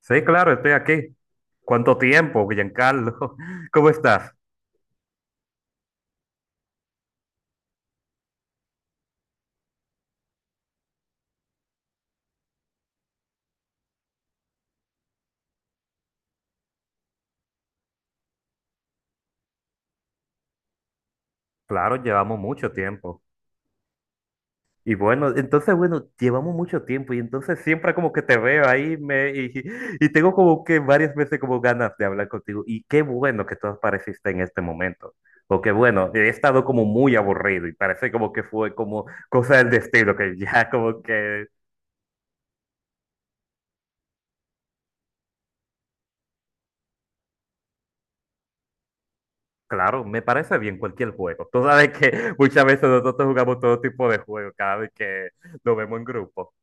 Sí, claro, estoy aquí. ¿Cuánto tiempo, Giancarlo? ¿Cómo estás? Claro, llevamos mucho tiempo. Y bueno, entonces, bueno, llevamos mucho tiempo y entonces siempre como que te veo ahí y tengo como que varias veces como ganas de hablar contigo. Y qué bueno que tú apareciste en este momento. Porque bueno, he estado como muy aburrido y parece como que fue como cosa del destino, que ya como que claro, me parece bien cualquier juego. Tú sabes que muchas veces nosotros jugamos todo tipo de juegos cada vez que lo vemos en grupo.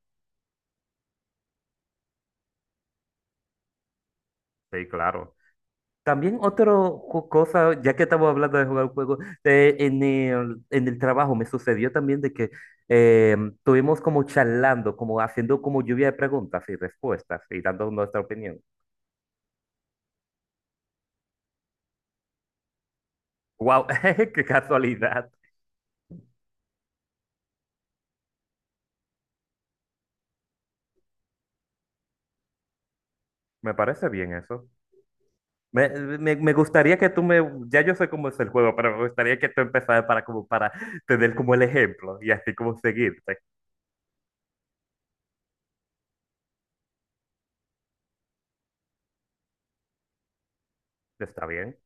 Sí, claro. También otra cosa, ya que estamos hablando de jugar juegos, en el trabajo me sucedió también de que estuvimos como charlando, como haciendo como lluvia de preguntas y respuestas y dando nuestra opinión. ¡Wow! ¡Qué casualidad! Me parece bien eso. Me, me gustaría que tú me, ya yo sé cómo es el juego, pero me gustaría que tú empezaras para como para tener como el ejemplo y así como seguirte. ¿Está bien?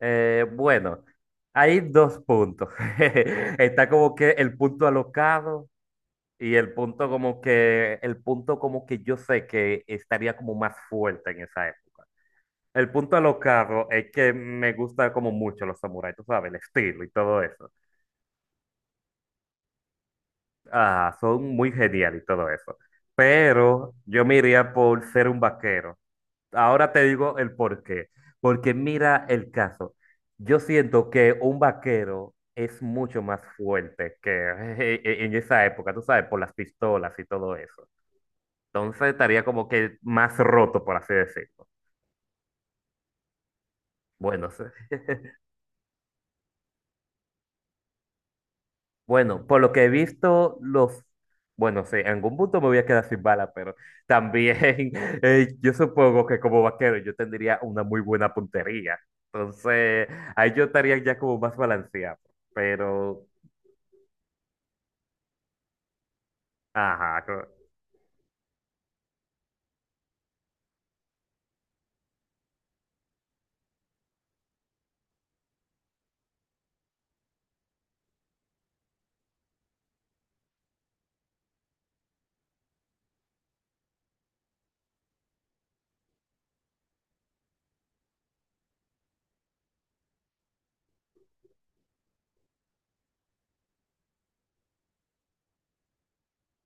Bueno, hay dos puntos. Está como que el punto alocado y el punto como que, el punto como que yo sé que estaría como más fuerte en esa época. El punto alocado es que me gusta como mucho los samuráis, tú sabes, el estilo y todo eso. Ah, son muy geniales y todo eso. Pero yo me iría por ser un vaquero. Ahora te digo el por qué. Porque mira el caso. Yo siento que un vaquero es mucho más fuerte que en esa época, tú sabes, por las pistolas y todo eso. Entonces estaría como que más roto, por así decirlo. Bueno, sí. Bueno, por lo que he visto, los… Bueno, sí, en algún punto me voy a quedar sin bala, pero también yo supongo que como vaquero yo tendría una muy buena puntería. Entonces, ahí yo estaría ya como más balanceado. Pero, ajá,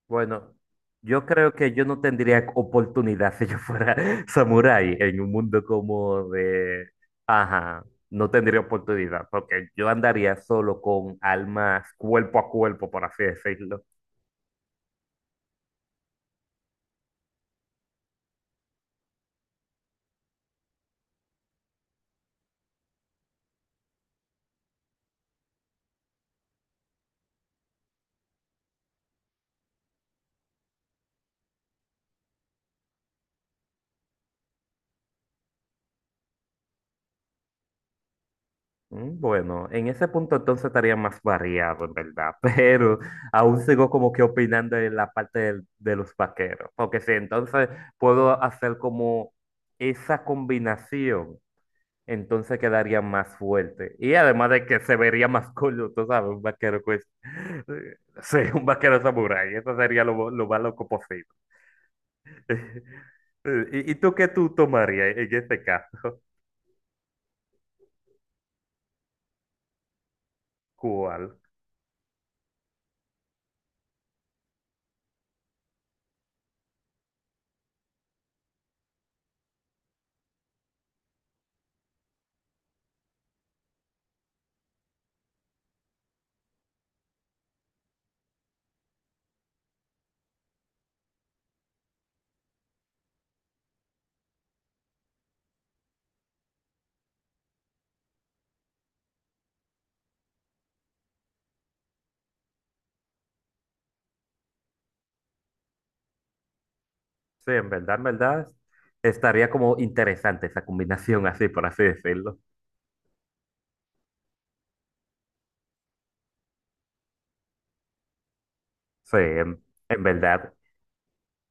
bueno, yo creo que yo no tendría oportunidad si yo fuera samurái en un mundo como de… Ajá, no tendría oportunidad, porque yo andaría solo con almas cuerpo a cuerpo, por así decirlo. Mm, bueno, en ese punto entonces estaría más variado, en verdad, pero aún sigo como que opinando en la parte de los vaqueros, porque si entonces puedo hacer como esa combinación, entonces quedaría más fuerte. Y además de que se vería más cool, tú sabes, un vaquero pues, sí, un vaquero samurái, eso sería lo más loco posible. ¿Y, y tú qué tú tomarías en este caso? ¿Cuál? Sí, en verdad, estaría como interesante esa combinación, así por así decirlo. Sí, en verdad.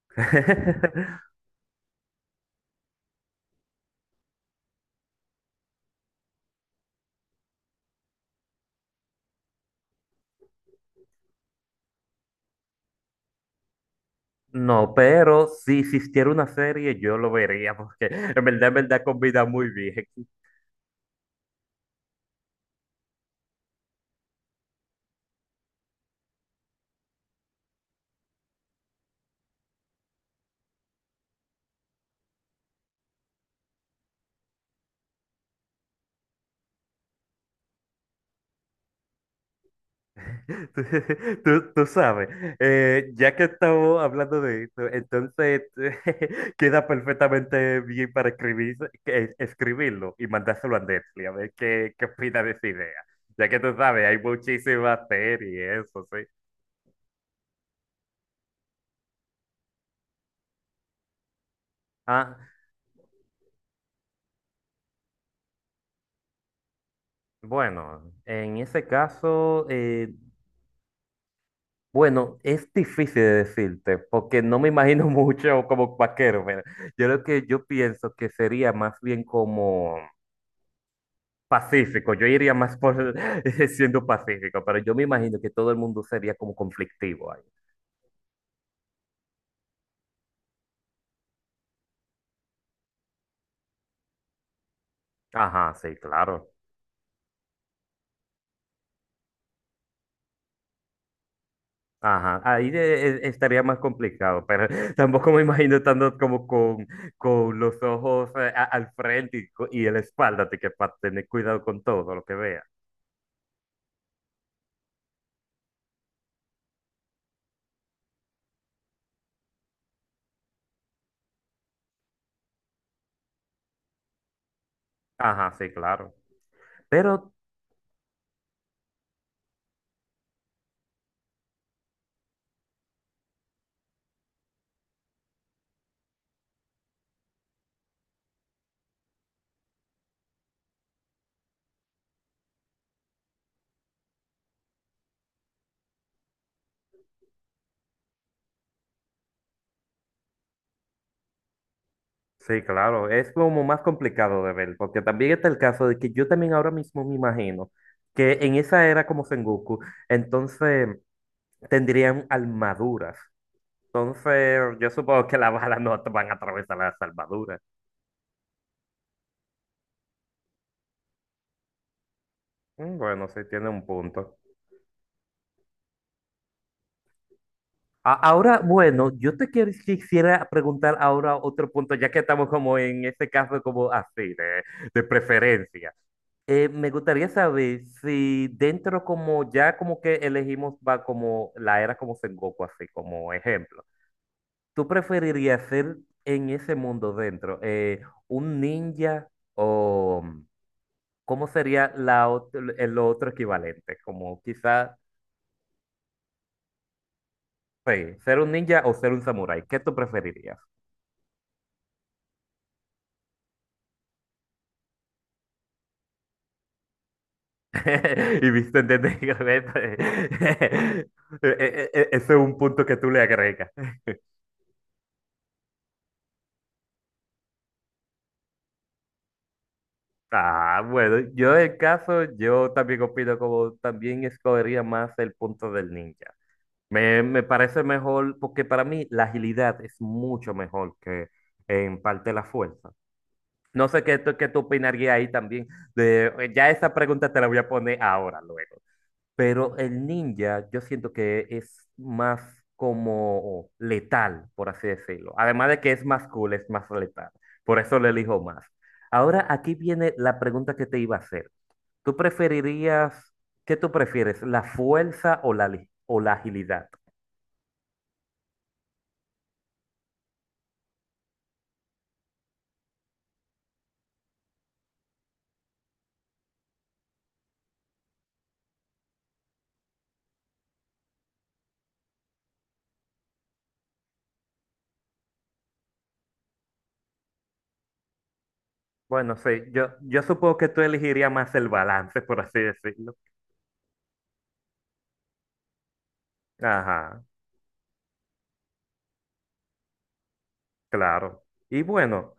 No, pero si existiera una serie, yo lo vería, porque en verdad, combina muy bien. Tú, tú sabes, ya que estamos hablando de esto, entonces queda perfectamente bien para escribir, escribirlo y mandárselo a Netflix, a ver qué, qué opina de esa idea. Ya que tú sabes, hay muchísimas series, eso, sí. Ah, bueno, en ese caso, bueno, es difícil de decirte, porque no me imagino mucho como vaquero. Mira. Yo lo que yo pienso que sería más bien como pacífico, yo iría más por siendo pacífico, pero yo me imagino que todo el mundo sería como conflictivo ahí. Ajá, sí, claro. Ajá, ahí estaría más complicado, pero tampoco me imagino estando como con los ojos al frente y, y en la espalda, así que para tener cuidado con todo lo que vea. Ajá, sí, claro. Pero sí, claro, es como más complicado de ver, porque también está el caso de que yo también ahora mismo me imagino que en esa era como Sengoku, entonces tendrían armaduras. Entonces, yo supongo que las balas no te van a atravesar las armaduras. Mm, bueno, sí, tiene un punto. Ahora, bueno, yo quisiera preguntar ahora otro punto, ya que estamos como en este caso como así, de preferencia. Me gustaría saber si dentro como ya como que elegimos va como la era como Sengoku, así como ejemplo, ¿tú preferirías ser en ese mundo dentro un ninja o cómo sería el otro equivalente? Como quizás, sí, ¿ser un ninja o ser un samurái? ¿Qué tú preferirías? Y viste, ¿entiendes? Que ese es un punto que tú le agregas. Ah, bueno, yo en caso, yo también opino como también escogería más el punto del ninja. Me parece mejor, porque para mí la agilidad es mucho mejor que en parte la fuerza. No sé qué, qué tú opinarías ahí también. De, ya esa pregunta te la voy a poner ahora, luego. Pero el ninja yo siento que es más como letal, por así decirlo. Además de que es más cool, es más letal. Por eso le elijo más. Ahora aquí viene la pregunta que te iba a hacer. ¿Tú preferirías, qué tú prefieres, la fuerza o la agilidad? Bueno, sí, yo supongo que tú elegirías más el balance, por así decirlo. Ajá, claro. Y bueno.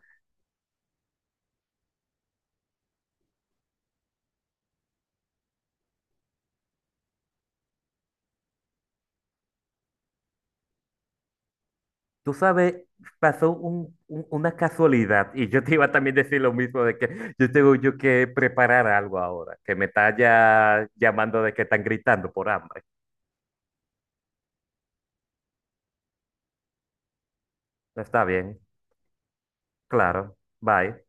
Tú sabes, pasó una casualidad y yo te iba a también decir lo mismo de que yo tengo yo que preparar algo ahora, que me está ya llamando de que están gritando por hambre. Está bien, claro, bye.